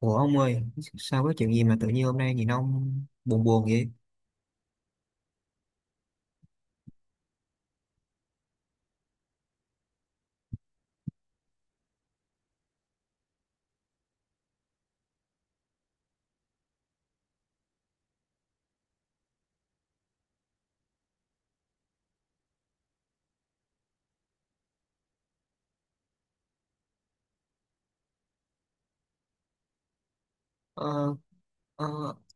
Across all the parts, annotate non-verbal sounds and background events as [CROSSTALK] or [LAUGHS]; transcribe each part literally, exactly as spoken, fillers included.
Ủa ông ơi, sao có chuyện gì mà tự nhiên hôm nay nhìn ông buồn buồn vậy? Ờ, ờ,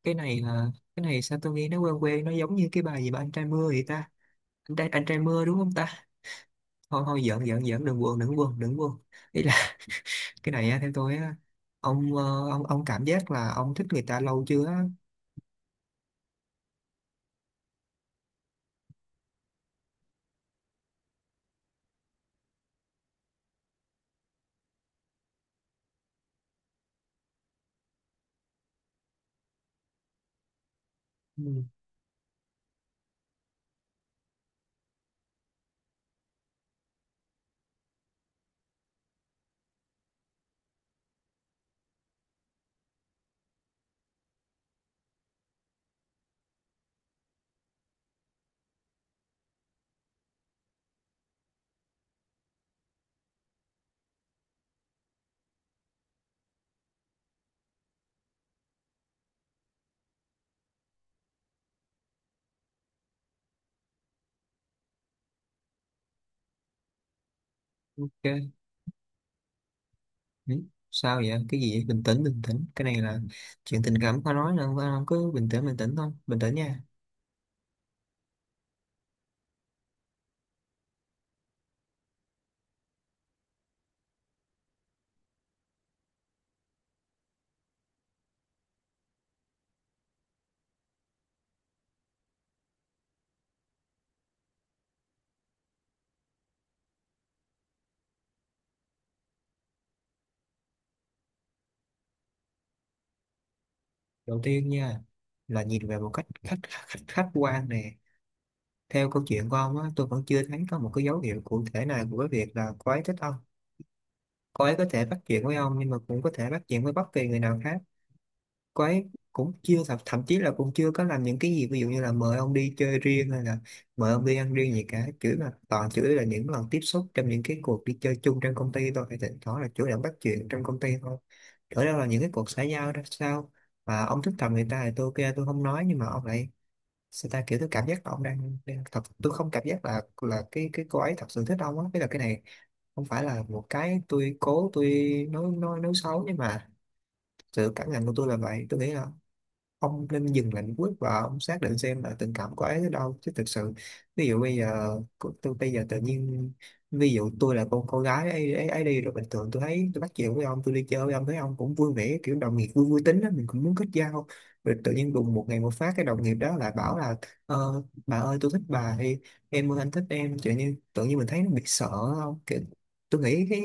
cái này là cái này sao tôi nghe nó quen quen, nó giống như cái bài gì mà anh trai mưa vậy ta? Anh trai, anh trai mưa đúng không ta? Thôi thôi, giỡn giỡn giỡn, đừng buồn đừng buồn đừng buồn. Ý là [LAUGHS] cái này á, theo tôi á, ông ờ, ông ông cảm giác là ông thích người ta lâu chưa á? Ừ, ok. Ừ, sao vậy? Cái gì vậy? Bình tĩnh bình tĩnh. Cái này là chuyện tình cảm khó nói nên ông cứ bình tĩnh bình tĩnh thôi, bình tĩnh nha. Đầu tiên nha, là nhìn về một cách khách khách, khách quan nè. Theo câu chuyện của ông á, tôi vẫn chưa thấy có một cái dấu hiệu cụ thể nào của cái việc là cô ấy thích ông. Cô ấy có thể bắt chuyện với ông nhưng mà cũng có thể bắt chuyện với bất kỳ người nào khác. Cô ấy cũng chưa thậm, thậm chí là cũng chưa có làm những cái gì, ví dụ như là mời ông đi chơi riêng hay là mời ông đi ăn riêng gì cả, chửi mà toàn chửi là những lần tiếp xúc trong những cái cuộc đi chơi chung trong công ty thôi, thì thỉnh thoảng là chủ động bắt chuyện trong công ty thôi, ở đâu là những cái cuộc xã giao ra sao. Mà ông thích thầm người ta thì tôi ok, tôi không nói, nhưng mà ông lại sao ta, kiểu tôi cảm giác là ông đang, đang thật, tôi không cảm giác là là cái cái cô ấy thật sự thích ông á, tức là cái này không phải là một cái tôi cố, tôi nói nói nói xấu, nhưng mà sự cảm nhận của tôi là vậy. Tôi nghĩ là ông nên dừng lại một lúc và ông xác định xem là tình cảm của ấy tới đâu, chứ thực sự ví dụ bây giờ cô- tôi bây giờ tự nhiên ví dụ tôi là con cô gái ấy, ấy, ấy đi, rồi bình thường tôi thấy tôi bắt chuyện với ông, tôi đi chơi với ông, thấy ông cũng vui vẻ, kiểu đồng nghiệp vui vui tính đó, mình cũng muốn kết giao. Rồi tự nhiên đùng một ngày một phát cái đồng nghiệp đó lại bảo là "Ờ, bà ơi, tôi thích bà" thì "em ơi, anh thích em", tự nhiên tự nhiên mình thấy nó bị sợ, không kiểu, tôi nghĩ cái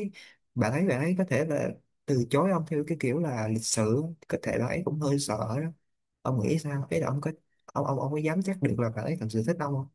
bà ấy bà ấy có thể là từ chối ông theo cái kiểu là lịch sự, có thể là ấy cũng hơi sợ đó. Ông nghĩ sao ấy, là ông có, ông ông ông có dám chắc được là bà ấy thật sự thích ông không?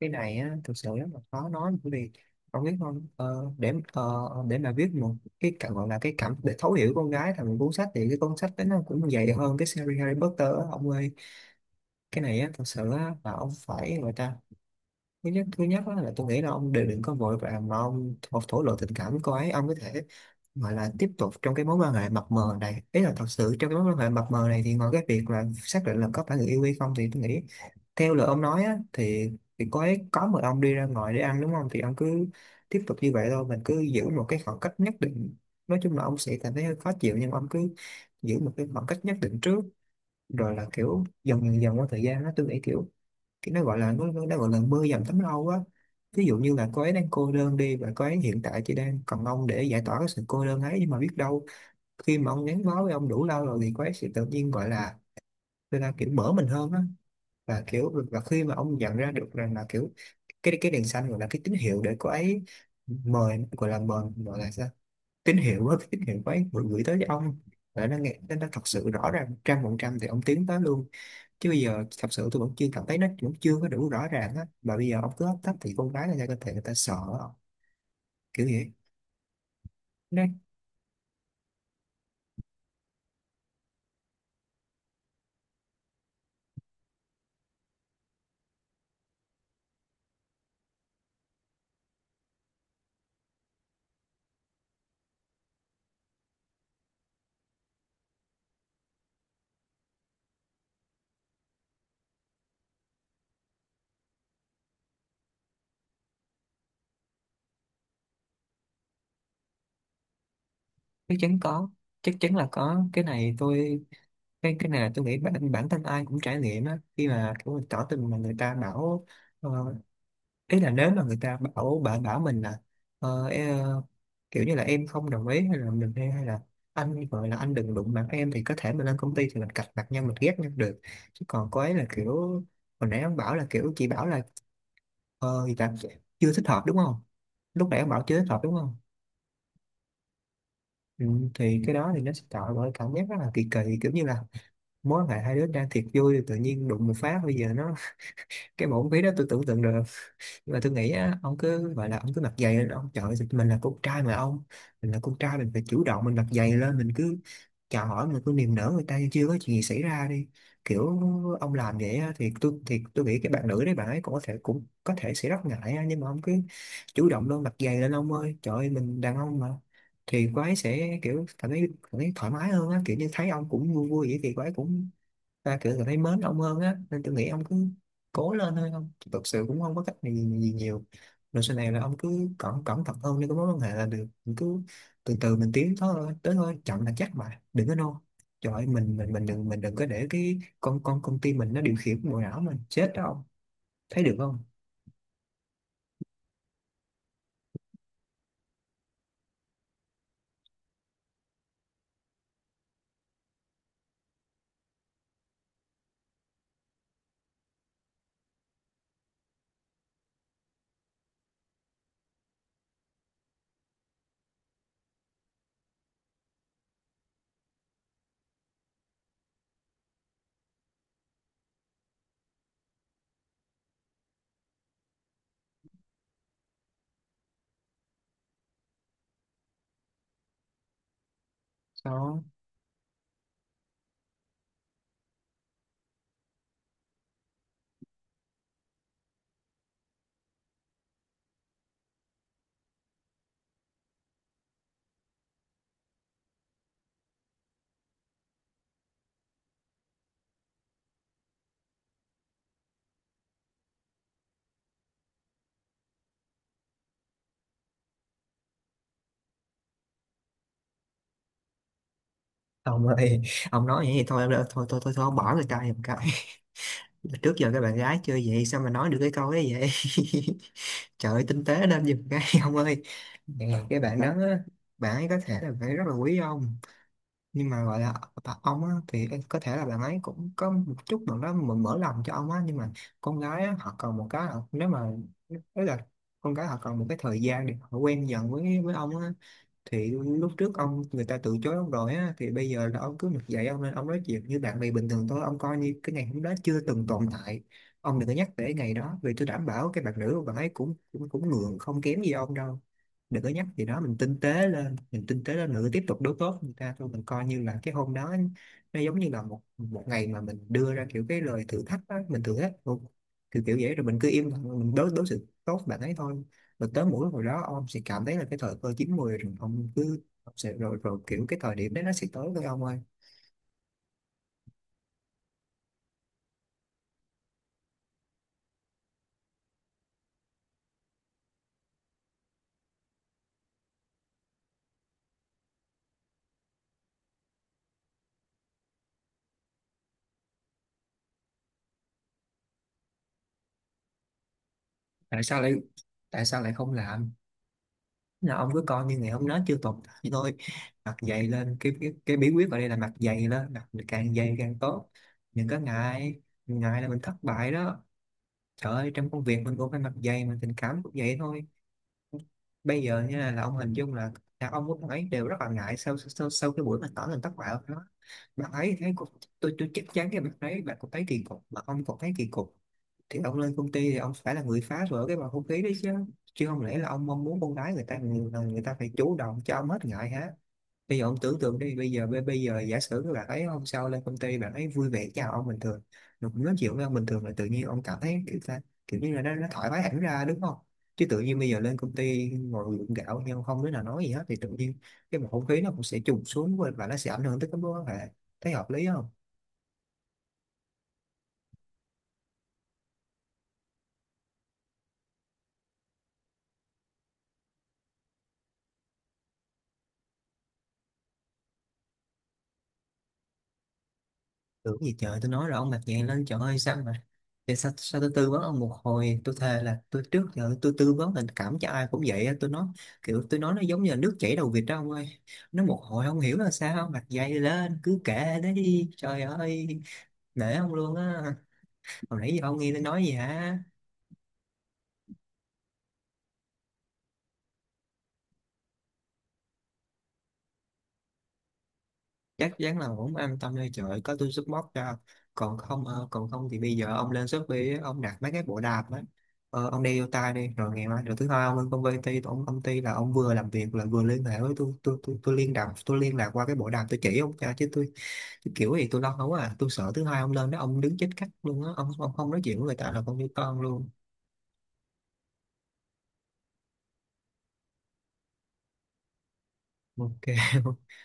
Cái này á thực sự rất là khó nói, bởi vì ông biết không, ờ, để ờ, để mà viết một cái cảm gọi là cái cảm để thấu hiểu con gái thành một cuốn sách thì cái cuốn sách đấy nó cũng dày hơn cái series Harry Potter á ông ơi. Cái này á thật sự á là ông phải người ta, thứ nhất thứ nhất á, là tôi nghĩ là ông đều đừng có vội vàng mà ông thổ thổ lộ tình cảm với cô ấy. Ông có thể gọi là tiếp tục trong cái mối quan hệ mập mờ này, ý là thật sự trong cái mối quan hệ mập mờ này thì ngoài cái việc là xác định là có phải người yêu hay không thì tôi nghĩ theo lời ông nói á, thì thì có ấy, có một ông đi ra ngoài để ăn đúng không, thì ông cứ tiếp tục như vậy thôi, mình cứ giữ một cái khoảng cách nhất định. Nói chung là ông sẽ cảm thấy hơi khó chịu nhưng ông cứ giữ một cái khoảng cách nhất định trước, rồi là kiểu dần dần dần qua thời gian đó, tôi nghĩ kiểu cái nó gọi là nó, nó nó gọi là mưa dầm thấm lâu á. Ví dụ như là cô ấy đang cô đơn đi, và cô ấy hiện tại chỉ đang cần ông để giải tỏa cái sự cô đơn ấy, nhưng mà biết đâu khi mà ông gắn bó với ông đủ lâu rồi thì cô ấy sẽ tự nhiên gọi là người ta kiểu mở mình hơn á. Và kiểu và khi mà ông nhận ra được rằng là kiểu cái cái đèn xanh gọi là cái tín hiệu để cô ấy mời gọi là mời gọi là sao, tín hiệu á, cái tín hiệu cô ấy gửi, gửi tới cho ông và nó nghe nó nó thật sự rõ ràng trăm phần trăm thì ông tiến tới luôn. Chứ bây giờ thật sự tôi vẫn chưa cảm thấy, nó vẫn chưa có đủ rõ ràng á, mà bây giờ ông cứ hấp tấp thì con gái người ta có thể người ta sợ, kiểu vậy. Nó chắc chắn có, chắc chắn là có. Cái này tôi cái cái này là tôi nghĩ bản bản thân ai cũng trải nghiệm á, khi mà kiểu mình tỏ tình mà người ta bảo ờ, ý là nếu mà người ta bảo bạn bảo mình là ờ, e- kiểu như là em không đồng ý, hay là mình hay, hay là anh gọi là anh đừng đụng mặt em, thì có thể mình lên công ty thì mình cạch mặt nhau, mình ghét nhau được. Chứ còn cô ấy là kiểu hồi nãy ông bảo là kiểu chị bảo là ờ thì là chưa thích hợp đúng không, lúc nãy ông bảo chưa thích hợp đúng không? Ừ, thì cái đó thì nó sẽ tạo ra cảm giác rất là kỳ kỳ, kiểu như là mối quan hệ hai đứa đang thiệt vui thì tự nhiên đụng một phát bây giờ nó cái bộ ví đó tôi tưởng tượng được. Nhưng mà tôi nghĩ á, ông cứ gọi là ông cứ mặc giày lên ông, trời ơi, mình là con trai mà ông, mình là con trai mình phải chủ động, mình mặc giày lên, mình cứ chào hỏi, mình cứ niềm nở người ta như chưa có chuyện gì xảy ra đi, kiểu ông làm vậy á, thì tôi thì tôi nghĩ cái bạn nữ đấy bạn ấy cũng có thể, cũng có thể sẽ rất ngại á, nhưng mà ông cứ chủ động luôn, mặc giày lên ông ơi, trời ơi mình đàn ông mà, thì cô ấy sẽ kiểu cảm thấy cảm thấy thoải mái hơn á, kiểu như thấy ông cũng vui vui vậy thì cô ấy cũng ta kiểu cảm thấy mến ông hơn á. Nên tôi nghĩ ông cứ cố lên thôi, không thực sự cũng không có cách gì, gì nhiều. Rồi sau này là ông cứ cẩn cẩn thận hơn đi, có mối quan hệ là được, mình cứ từ từ mình tiến thôi tới thôi, chậm là chắc mà đừng có nôn. Trời ơi, mình mình mình đừng, mình đừng có để cái con con công ty mình nó điều khiển bộ não mình chết đó ông. Thấy được không? Sao ông ơi, ông nói vậy thì thôi em đã- thôi thôi thôi, thôi ông bỏ người ta giùm cái. [LAUGHS] Trước giờ các bạn gái chơi vậy sao mà nói được cái câu ấy vậy? [LAUGHS] Trời ơi, tinh tế nên giùm cái, [LAUGHS] ông ơi. Dạ, cái bạn đó đó á, bạn ấy có thể là phải rất là quý ông, nhưng mà gọi là bà- ông á, thì có thể là bạn ấy cũng có một chút nào đó mở, mở lòng cho ông á, nhưng mà con gái á, họ cần một cái họ- nếu mà tức là con gái họ cần một cái thời gian để họ quen dần với với ông á. Thì lúc trước ông người ta từ chối ông rồi á, thì bây giờ là ông cứ mặc dậy, ông nên ông nói chuyện như bạn bè bình thường thôi, ông coi như cái ngày hôm đó chưa từng tồn tại. Ông đừng có nhắc về cái ngày đó, vì tôi đảm bảo cái bạn nữ của bạn ấy cũng cũng cũng ngượng không kém gì ông đâu. Đừng có nhắc gì đó, mình tinh tế lên, mình tinh tế lên nữa, tiếp tục đối tốt với người ta thôi, mình coi như là cái hôm đó nó giống như là một một ngày mà mình đưa ra kiểu cái lời thử thách á, mình thử thách kiểu kiểu vậy, rồi mình cứ im lặng, mình đối đối xử tốt với bạn ấy thôi. Và tới mũi hồi đó ông sẽ cảm thấy là cái thời cơ chín mùi rồi, ông cứ ông sẽ rồi rồi kiểu cái thời điểm đấy nó sẽ tới với ông ơi. Tại sao lại, tại sao lại không làm? Là ông cứ coi như ngày hôm đó chưa tồn tại thôi, mặt dày lên cái, cái cái bí quyết ở đây là mặt dày lên, mặt càng dày càng tốt. Đừng có ngại, ngại là mình thất bại đó. Trời ơi, trong công việc mình cũng phải mặt dày mà tình cảm cũng vậy thôi. Bây giờ nha là ông hình dung là đàn ông của bạn ấy đều rất là ngại sau sau, sau cái buổi mà tỏ tình thất bại của nó, bạn ấy thấy cũng- tôi tôi chắc chắn cái bạn ấy bạn cũng thấy kỳ cục, mà ông còn thấy kỳ cục thì ông lên công ty thì ông phải là người phá vỡ cái bầu không khí đấy chứ. Chứ không lẽ là ông mong muốn con gái người ta người, người ta phải chủ động cho ông hết ngại hả? Bây giờ ông tưởng tượng đi, bây giờ bây bây giờ giả sử các bạn ấy hôm sau lên công ty bạn ấy vui vẻ chào ông bình thường, rồi cũng nói chuyện với ông bình thường, là tự nhiên ông cảm thấy kiểu ta kiểu như là nó, nó thoải mái hẳn ra đúng không? Chứ tự nhiên bây giờ lên công ty ngồi gượng gạo nhưng không đứa nào nói gì hết thì tự nhiên cái bầu không khí nó cũng sẽ trùng xuống và nó sẽ ảnh hưởng tới cái mối quan hệ. Thấy hợp lý không? Tưởng gì trời, tôi nói rồi ông mặt dạng lên, trời ơi sao mà để sao, sao tôi tư vấn ông một hồi, tôi thề là tôi trước giờ tôi tư vấn tình cảm cho ai cũng vậy á. Tôi nói kiểu tôi nói nó giống như là nước chảy đầu vịt đó ông ơi, nó một hồi không hiểu là sao, mặt dày lên cứ kệ đấy, trời ơi, nể ông luôn á. Hồi nãy giờ ông nghe tôi nói gì hả? Chắc chắn là cũng an tâm đây, trời ơi, có tôi support cho. Còn không ờ, còn không thì bây giờ ông lên Shopee á, ông đặt mấy cái bộ đạp á, ờ, ông đeo vô tai đi, rồi ngày mai, rồi thứ hai ông lên công ty ông công ty là ông vừa làm việc là vừa liên hệ với tôi, tôi tôi, tôi liên lạc, tôi liên lạc qua cái bộ đạp tôi chỉ ông cho, chứ tôi, tôi kiểu gì tôi lo không à, tôi sợ thứ hai ông lên đó ông đứng chết cắt luôn á, ông ông không nói chuyện với người ta là con như con luôn. Ok. [LAUGHS]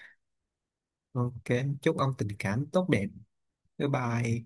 Ok, chúc ông tình cảm tốt đẹp. Bye bye.